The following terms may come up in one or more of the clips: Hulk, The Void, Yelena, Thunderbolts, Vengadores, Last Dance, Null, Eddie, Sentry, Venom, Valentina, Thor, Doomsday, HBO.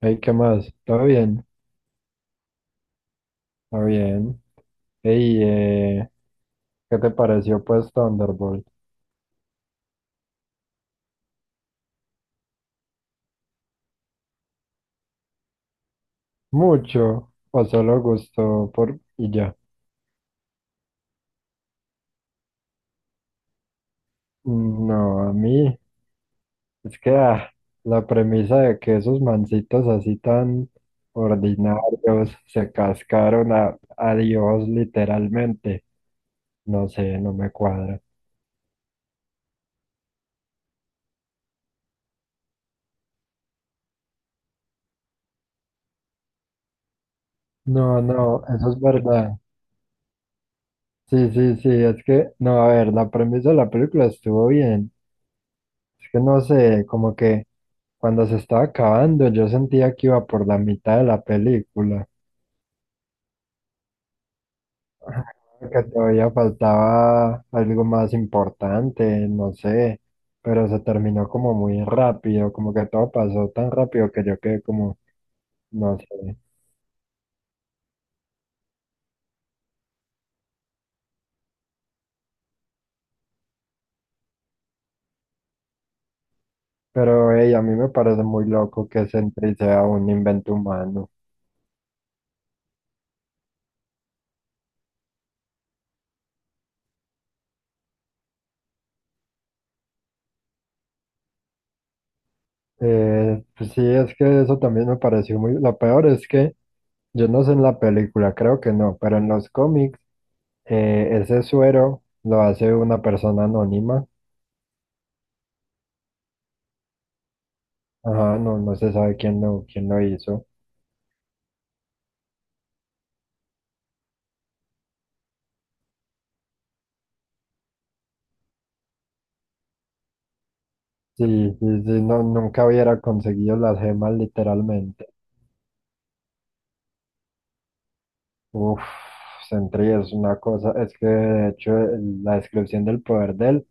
Hey, ¿qué más? ¿Todo bien? ¿Todo bien? Hey, eh, ¿Qué te pareció pues Thunderbolt? Mucho, o solo gustó por y ya. Mm, no, a mí es que la premisa de que esos mancitos así tan ordinarios se cascaron a Dios literalmente, no sé, no me cuadra. No, no, eso es verdad. Sí, sí, sí, es que, no, a ver, la premisa de la película estuvo bien. Es que no sé, como que cuando se estaba acabando, yo sentía que iba por la mitad de la película. Ajá. Que todavía faltaba algo más importante, no sé, pero se terminó como muy rápido, como que todo pasó tan rápido que yo quedé como, no sé. Pero hey, a mí me parece muy loco que Sentry sea un invento humano. Pues sí, es que eso también me pareció muy... Lo peor es que yo no sé en la película, creo que no, pero en los cómics. Ese suero lo hace una persona anónima. Ajá, no, no se sabe quién lo hizo. Sí, sí, sí, no, nunca hubiera conseguido las gemas literalmente. Uf, Sentry es una cosa, es que de hecho la descripción del poder de él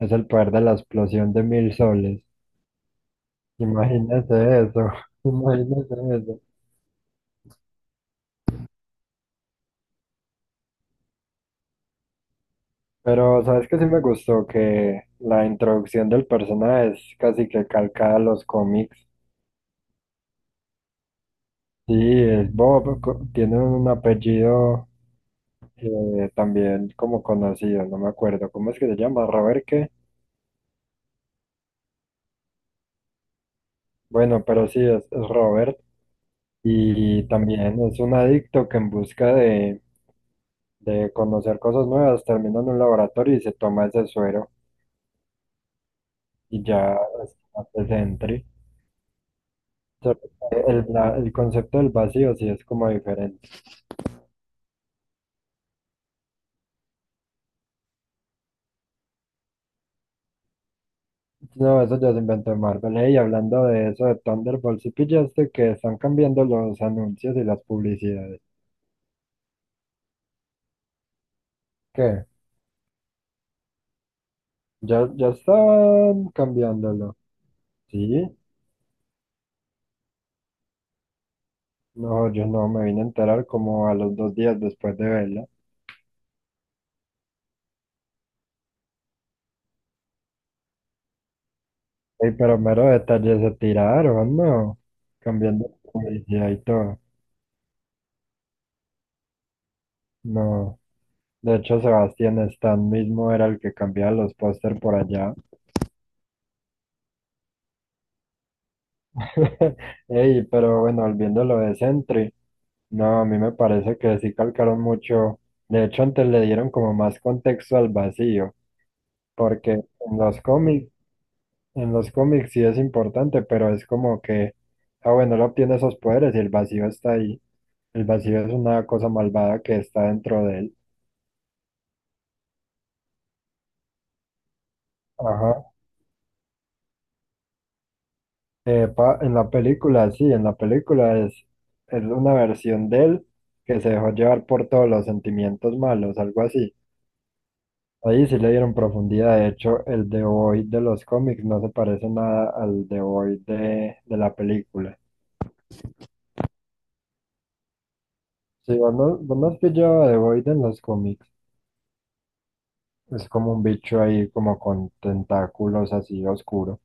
es el poder de la explosión de mil soles. Imagínese eso, imagínese eso. Pero, ¿sabes qué sí me gustó? Que la introducción del personaje es casi que calcada a los cómics. Sí, es Bob, tiene un apellido también como conocido, no me acuerdo. ¿Cómo es que se llama? ¿Robert qué? Bueno, pero sí, es Robert. Y también es un adicto que en busca de conocer cosas nuevas termina en un laboratorio y se toma ese suero y ya es antes de entry. O sea, el concepto del vacío sí es como diferente. No, eso ya se inventó Marvel. Y hablando de eso de Thunderbolts, ¿sí pillaste que están cambiando los anuncios y las publicidades? ¿Qué? Ya estaban cambiándolo? ¿Sí? No, yo no me vine a enterar como a los dos días después de verla. Ey, pero mero detalles se tiraron, ¿no? Cambiando la publicidad y todo. No. De hecho, Sebastián Stan mismo era el que cambiaba los póster por allá. Ey, pero bueno, volviendo a lo de Sentry, no, a mí me parece que sí calcaron mucho. De hecho, antes le dieron como más contexto al vacío, porque en los cómics sí es importante, pero es como que, ah, bueno, él obtiene esos poderes y el vacío está ahí. El vacío es una cosa malvada que está dentro de él. Ajá. En la película, sí, en la película es una versión de él que se dejó llevar por todos los sentimientos malos, algo así. Ahí sí le dieron profundidad. De hecho, el The Void de los cómics no se parece nada al The Void de la película. Si vos no, vos no has pillado a The Void en los cómics, es como un bicho ahí como con tentáculos así oscuro.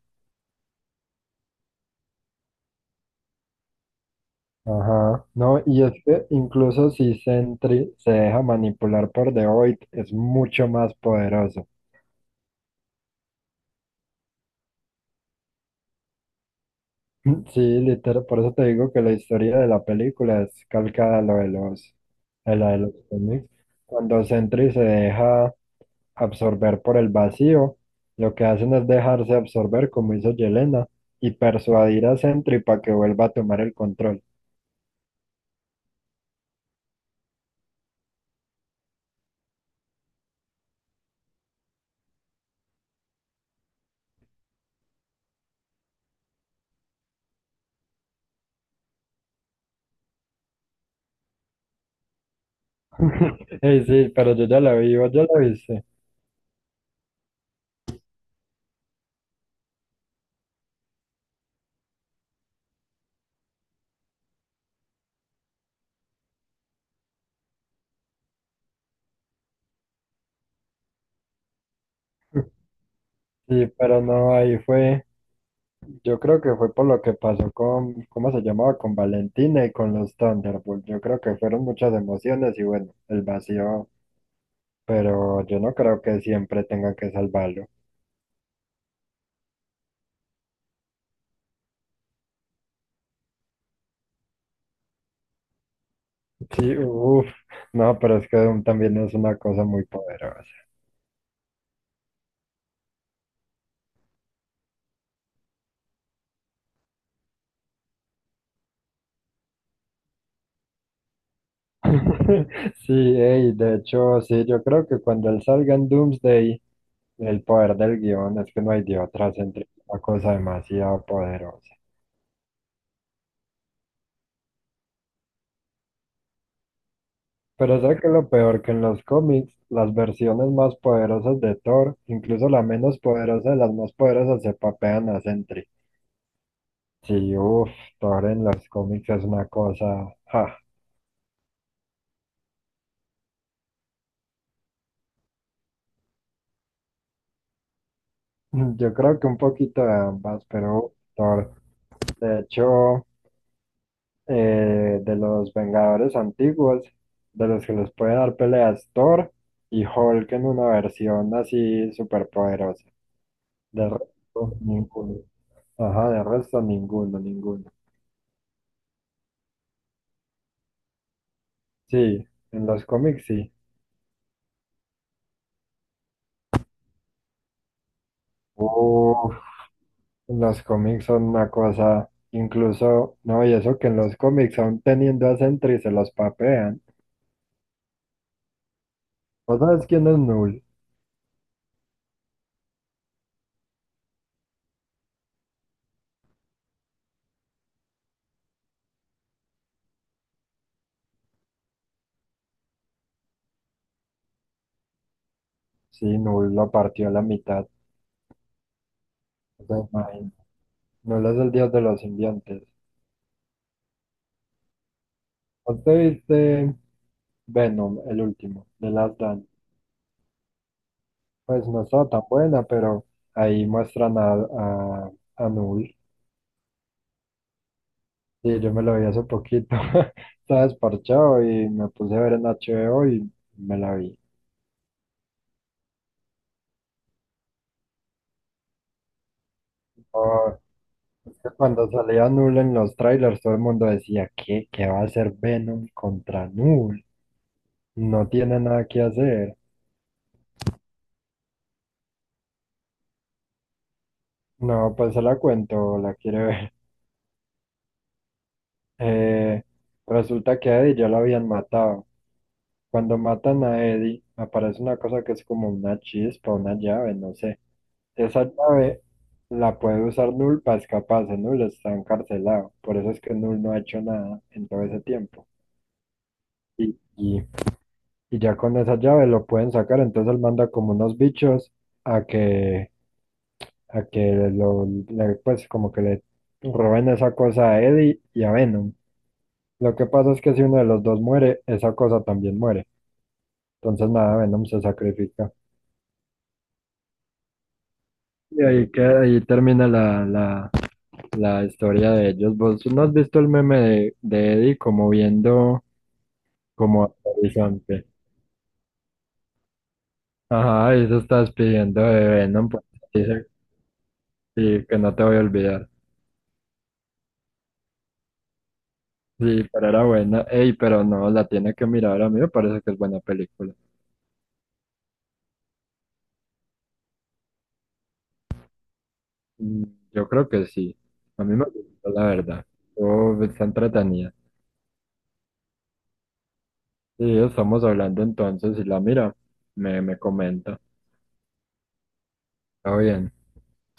Ajá. No, y es que incluso si Sentry se deja manipular por The Void, es mucho más poderoso. Sí, literal, por eso te digo que la historia de la película es calcada a lo de los, a la de los cómics. Cuando Sentry se deja absorber por el vacío, lo que hacen es dejarse absorber como hizo Yelena y persuadir a Sentry para que vuelva a tomar el control. Ey, sí, pero yo ya la vi, vos ya la viste. Sí, pero no, ahí fue, yo creo que fue por lo que pasó con, ¿cómo se llamaba? Con Valentina y con los Thunderbolts. Yo creo que fueron muchas emociones y bueno, el vacío, pero yo no creo que siempre tenga que salvarlo. Sí, uff, no, pero es que Doom también es una cosa muy poderosa. Sí, ey, de hecho, sí, yo creo que cuando él salga en Doomsday, el poder del guión es que no hay de otra, se entrega una cosa demasiado poderosa. Pero sé que lo peor que en los cómics, las versiones más poderosas de Thor, incluso la menos poderosa de las más poderosas, se papean a Sentry. Sí, uff, Thor en los cómics es una cosa, ja. Yo creo que un poquito de ambas, pero Thor, de hecho. De los Vengadores antiguos, de los que les puede dar peleas Thor y Hulk en una versión así súper poderosa. De resto, ninguno. Ajá, de resto, ninguno, ninguno. Sí, en los cómics sí. Uf, los cómics son una cosa, incluso, no, y eso que en los cómics aún teniendo a Sentry se los papean. ¿Vos sabes quién es Null? Sí, Null lo partió a la mitad. No te imaginas. Null es el dios de los simbiontes. ¿Vos te viste Venom, el último, de Last Dance? Pues no estaba tan buena, pero ahí muestran a Null. Sí, yo me lo vi hace poquito. Estaba desparchado y me puse a ver en HBO y me la vi. Oh, es que cuando salía Null en los trailers, todo el mundo decía, ¿qué? ¿Qué va a hacer Venom contra Null? No tiene nada que hacer. No, pues se la cuento, la quiere ver. Eh, Resulta que a Eddie ya lo habían matado. Cuando matan a Eddie, aparece una cosa que es como una chispa, una llave, no sé. Esa llave la puede usar Null para escaparse. Null está encarcelado. Por eso es que Null no ha hecho nada en todo ese tiempo. Y, y, y ya con esa llave lo pueden sacar. Entonces él manda como unos bichos a que, a que pues como que le roben esa cosa a Eddie y a Venom. Lo que pasa es que si uno de los dos muere, esa cosa también muere. Entonces nada, Venom se sacrifica. Y ahí, ahí termina la historia de ellos. ¿Vos no has visto el meme de Eddie como viendo como al horizonte? Ajá, y se está despidiendo de Venom, pues dice sí, que no te voy a olvidar. Sí, pero era buena. Ey, pero no, la tiene que mirar. A mí me parece que es buena película. Mm, yo creo que sí. A mí me gustó, la verdad. Oh, está entretenida. Sí, estamos hablando entonces. Si la mira, me comenta. Está bien.